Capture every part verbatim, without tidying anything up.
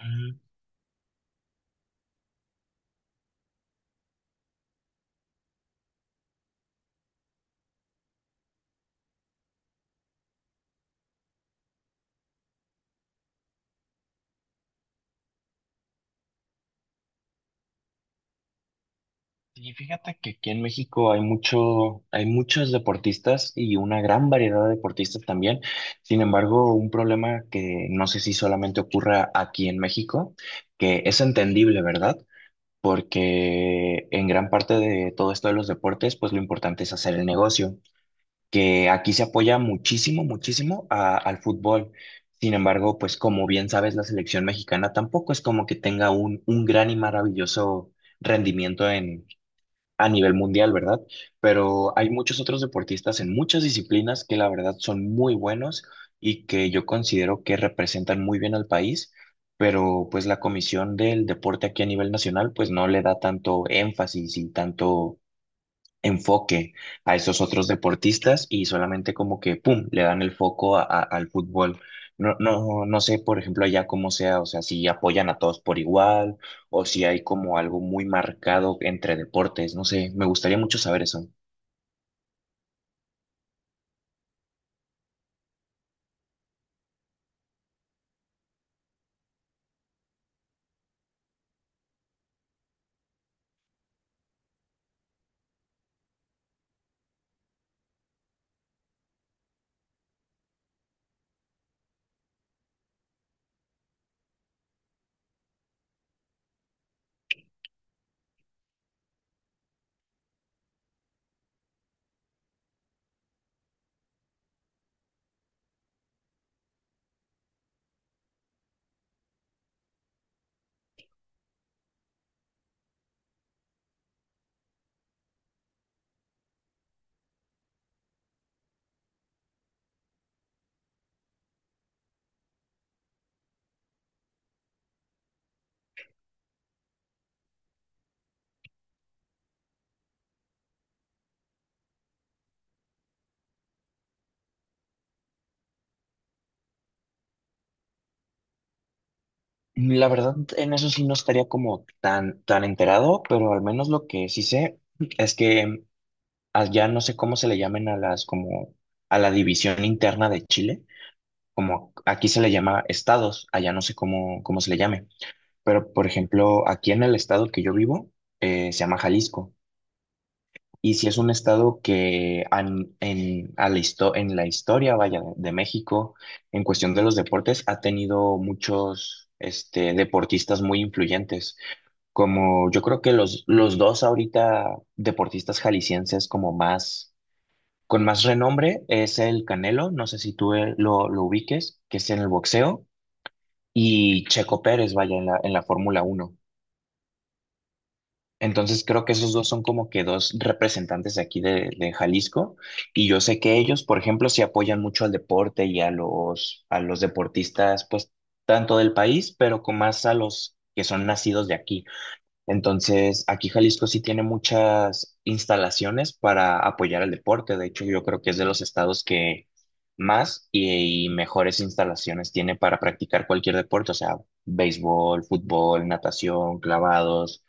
Mm. Y fíjate que aquí en México hay mucho, hay muchos deportistas y una gran variedad de deportistas también. Sin embargo, un problema que no sé si solamente ocurra aquí en México, que es entendible, ¿verdad? Porque en gran parte de todo esto de los deportes, pues lo importante es hacer el negocio, que aquí se apoya muchísimo, muchísimo a- al fútbol. Sin embargo, pues como bien sabes, la selección mexicana tampoco es como que tenga un, un gran y maravilloso rendimiento a nivel mundial, ¿verdad? Pero hay muchos otros deportistas en muchas disciplinas que la verdad son muy buenos y que yo considero que representan muy bien al país, pero pues la Comisión del Deporte aquí a nivel nacional pues no le da tanto énfasis y tanto enfoque a esos otros deportistas y solamente como que, ¡pum!, le dan el foco a- a- al fútbol. No, no, no sé, por ejemplo, allá cómo sea, o sea, si apoyan a todos por igual o si hay como algo muy marcado entre deportes, no sé, me gustaría mucho saber eso. La verdad, en eso sí no estaría como tan, tan enterado, pero al menos lo que sí sé es que allá no sé cómo se le llamen a las como a la división interna de Chile, como aquí se le llama estados, allá no sé cómo, cómo se le llame, pero por ejemplo, aquí en el estado que yo vivo, eh, se llama Jalisco, y si es un estado que an- en, a la histo- en la historia, vaya, de, de México, en cuestión de los deportes, ha tenido muchos este, deportistas muy influyentes, como yo creo que los, los dos ahorita deportistas jaliscienses como más... Con más renombre es el Canelo, no sé si tú eh, lo, lo ubiques, que es en el boxeo, y Checo Pérez, vaya, en la, en la Fórmula Uno. Entonces creo que esos dos son como que dos representantes de aquí de, de Jalisco, y yo sé que ellos, por ejemplo, sí apoyan mucho al deporte y a los, a los deportistas, pues tanto del país, pero con más a los que son nacidos de aquí. Entonces, aquí Jalisco sí tiene muchas instalaciones para apoyar al deporte. De hecho, yo creo que es de los estados que más y, y mejores instalaciones tiene para practicar cualquier deporte, o sea, béisbol, fútbol, natación, clavados,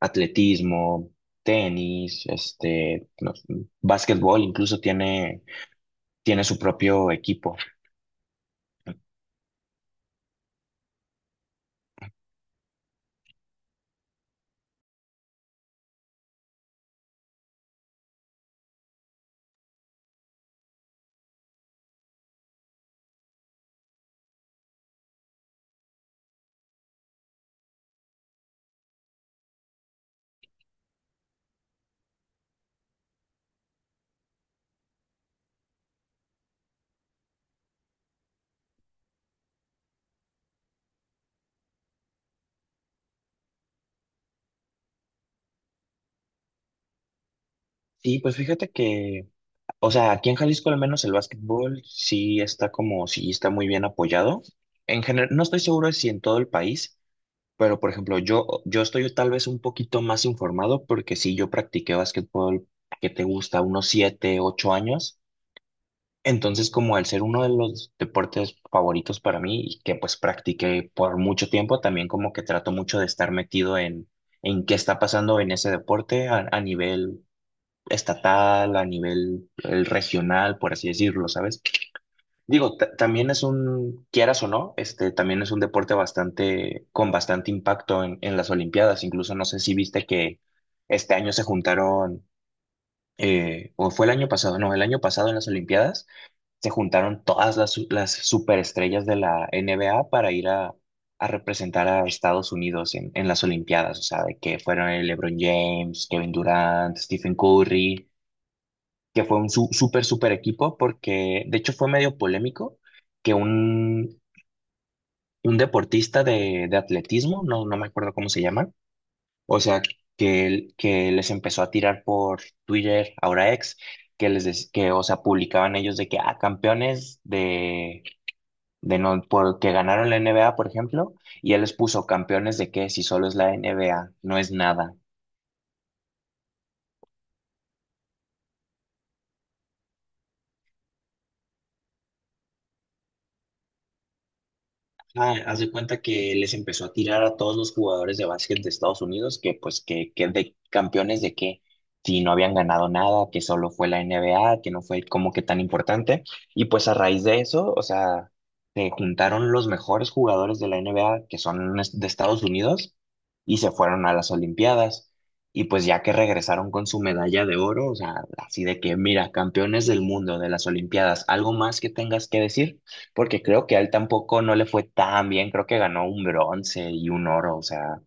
atletismo, tenis, este, no sé, básquetbol, incluso tiene, tiene su propio equipo. Sí, pues fíjate que, o sea, aquí en Jalisco al menos el básquetbol sí está como, sí está muy bien apoyado. En general, no estoy seguro de si en todo el país, pero por ejemplo, yo, yo estoy tal vez un poquito más informado porque sí, yo practiqué básquetbol que te gusta unos siete, ocho años. Entonces, como al ser uno de los deportes favoritos para mí y que pues practiqué por mucho tiempo, también como que trato mucho de estar metido en, en qué está pasando en ese deporte a, a nivel estatal, a nivel eh, regional, por así decirlo, ¿sabes? Digo, ta- también es un, quieras o no, este, también es un deporte bastante, con bastante impacto en, en las Olimpiadas. Incluso no sé si viste que este año se juntaron, eh, o fue el año pasado, no, el año pasado en las Olimpiadas se juntaron todas las, su- las superestrellas de la N B A para ir a, a representar a Estados Unidos en, en las Olimpiadas. O sea, de que fueron el LeBron James, Kevin Durant, Stephen Curry, que fue un su- súper, súper equipo, porque de hecho fue medio polémico que un, un deportista de, de atletismo, no, no me acuerdo cómo se llama, o sea, que, él- que les empezó a tirar por Twitter, ahora ex, que les des- que, o sea, publicaban ellos de que, ah, campeones de, de no, porque ganaron la N B A, por ejemplo, y él les puso campeones de que si solo es la N B A, no es nada. Ah, haz de cuenta que les empezó a tirar a todos los jugadores de básquet de Estados Unidos que pues que, que de campeones de que si no habían ganado nada, que solo fue la N B A, que no fue como que tan importante. Y pues a raíz de eso, o sea, se juntaron los mejores jugadores de la N B A que son es- de Estados Unidos y se fueron a las Olimpiadas. Y pues ya que regresaron con su medalla de oro, o sea, así de que mira, campeones del mundo de las Olimpiadas, ¿algo más que tengas que decir? Porque creo que a él tampoco no le fue tan bien, creo que ganó un bronce y un oro, o sea,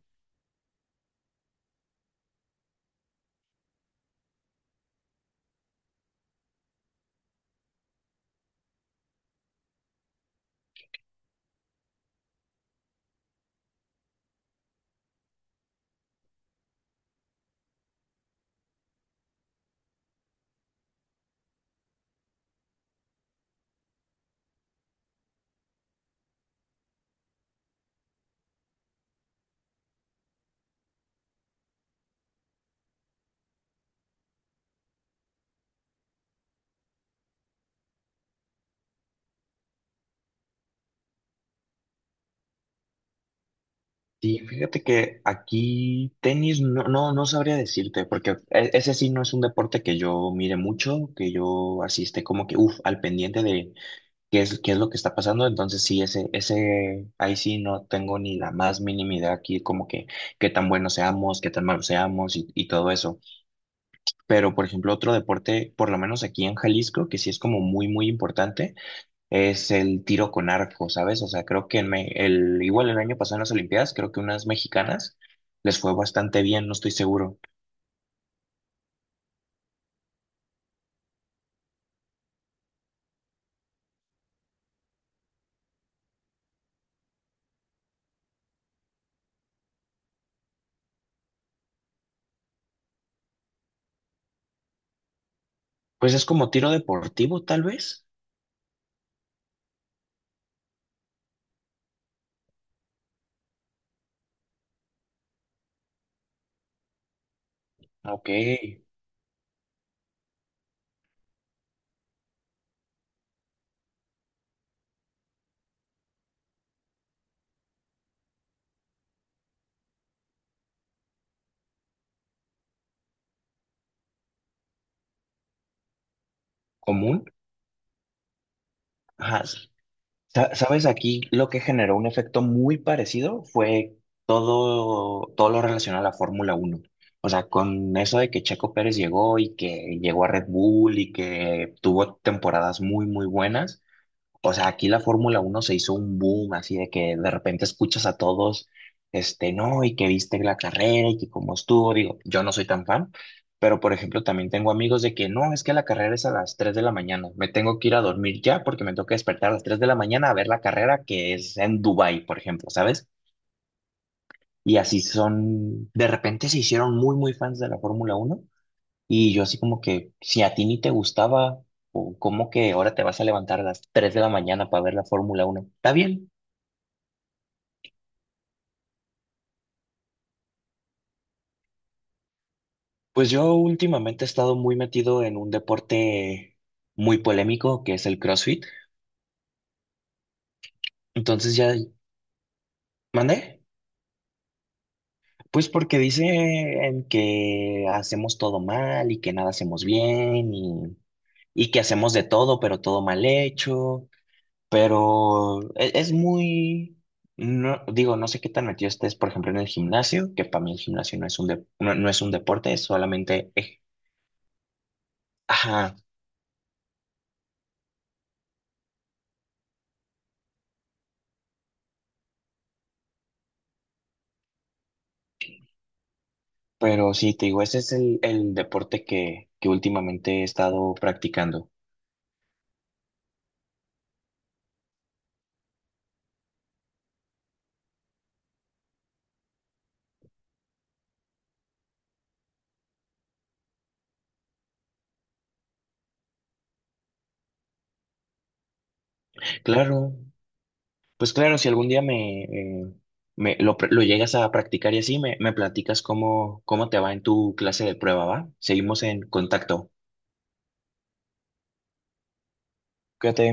sí, fíjate que aquí tenis no, no, no sabría decirte, porque e- ese sí no es un deporte que yo mire mucho, que yo asiste como que, uff, al pendiente de qué es, qué es lo que está pasando, entonces sí, ese, ese, ahí sí no tengo ni la más mínima idea aquí, como que qué tan buenos seamos, qué tan malos seamos y, y todo eso. Pero, por ejemplo, otro deporte, por lo menos aquí en Jalisco, que sí es como muy, muy importante, es el tiro con arco, ¿sabes? O sea, creo que en me- el, igual el año pasado en las Olimpiadas, creo que unas mexicanas les fue bastante bien, no estoy seguro. Pues es como tiro deportivo, tal vez. Ok, común. Ajá. Sa- ¿Sabes? Aquí lo que generó un efecto muy parecido fue todo, todo lo relacionado a la Fórmula uno. O sea, con eso de que Checo Pérez llegó y que llegó a Red Bull y que tuvo temporadas muy, muy buenas. O sea, aquí la Fórmula Uno se hizo un boom, así de que de repente escuchas a todos, este, no, y que viste la carrera y que cómo estuvo. Digo, yo no soy tan fan, pero por ejemplo, también tengo amigos de que no, es que la carrera es a las tres de la mañana, me tengo que ir a dormir ya porque me toca despertar a las tres de la mañana a ver la carrera que es en Dubái, por ejemplo, ¿sabes? Y así son, de repente se hicieron muy, muy fans de la Fórmula Uno. Y yo así como que, si a ti ni te gustaba, o ¿cómo que ahora te vas a levantar a las tres de la mañana para ver la Fórmula uno? Está bien. Pues yo últimamente he estado muy metido en un deporte muy polémico que es el CrossFit. Entonces ya mandé. Pues porque dicen que hacemos todo mal y que nada hacemos bien y, y que hacemos de todo, pero todo mal hecho. Pero e- es, muy, no, digo, no sé qué tan metido estés, por ejemplo, en el gimnasio, que para mí el gimnasio no es un, dep- no, no es un deporte, es solamente... eh, Ajá, pero sí, te digo, ese es el, el deporte que, que últimamente he estado practicando. Claro, pues claro, si algún día me, eh, me lo, pr- lo llegas a practicar y así, me, me platicas cómo, cómo te va en tu clase de prueba, ¿va? Seguimos en contacto. Cuídate.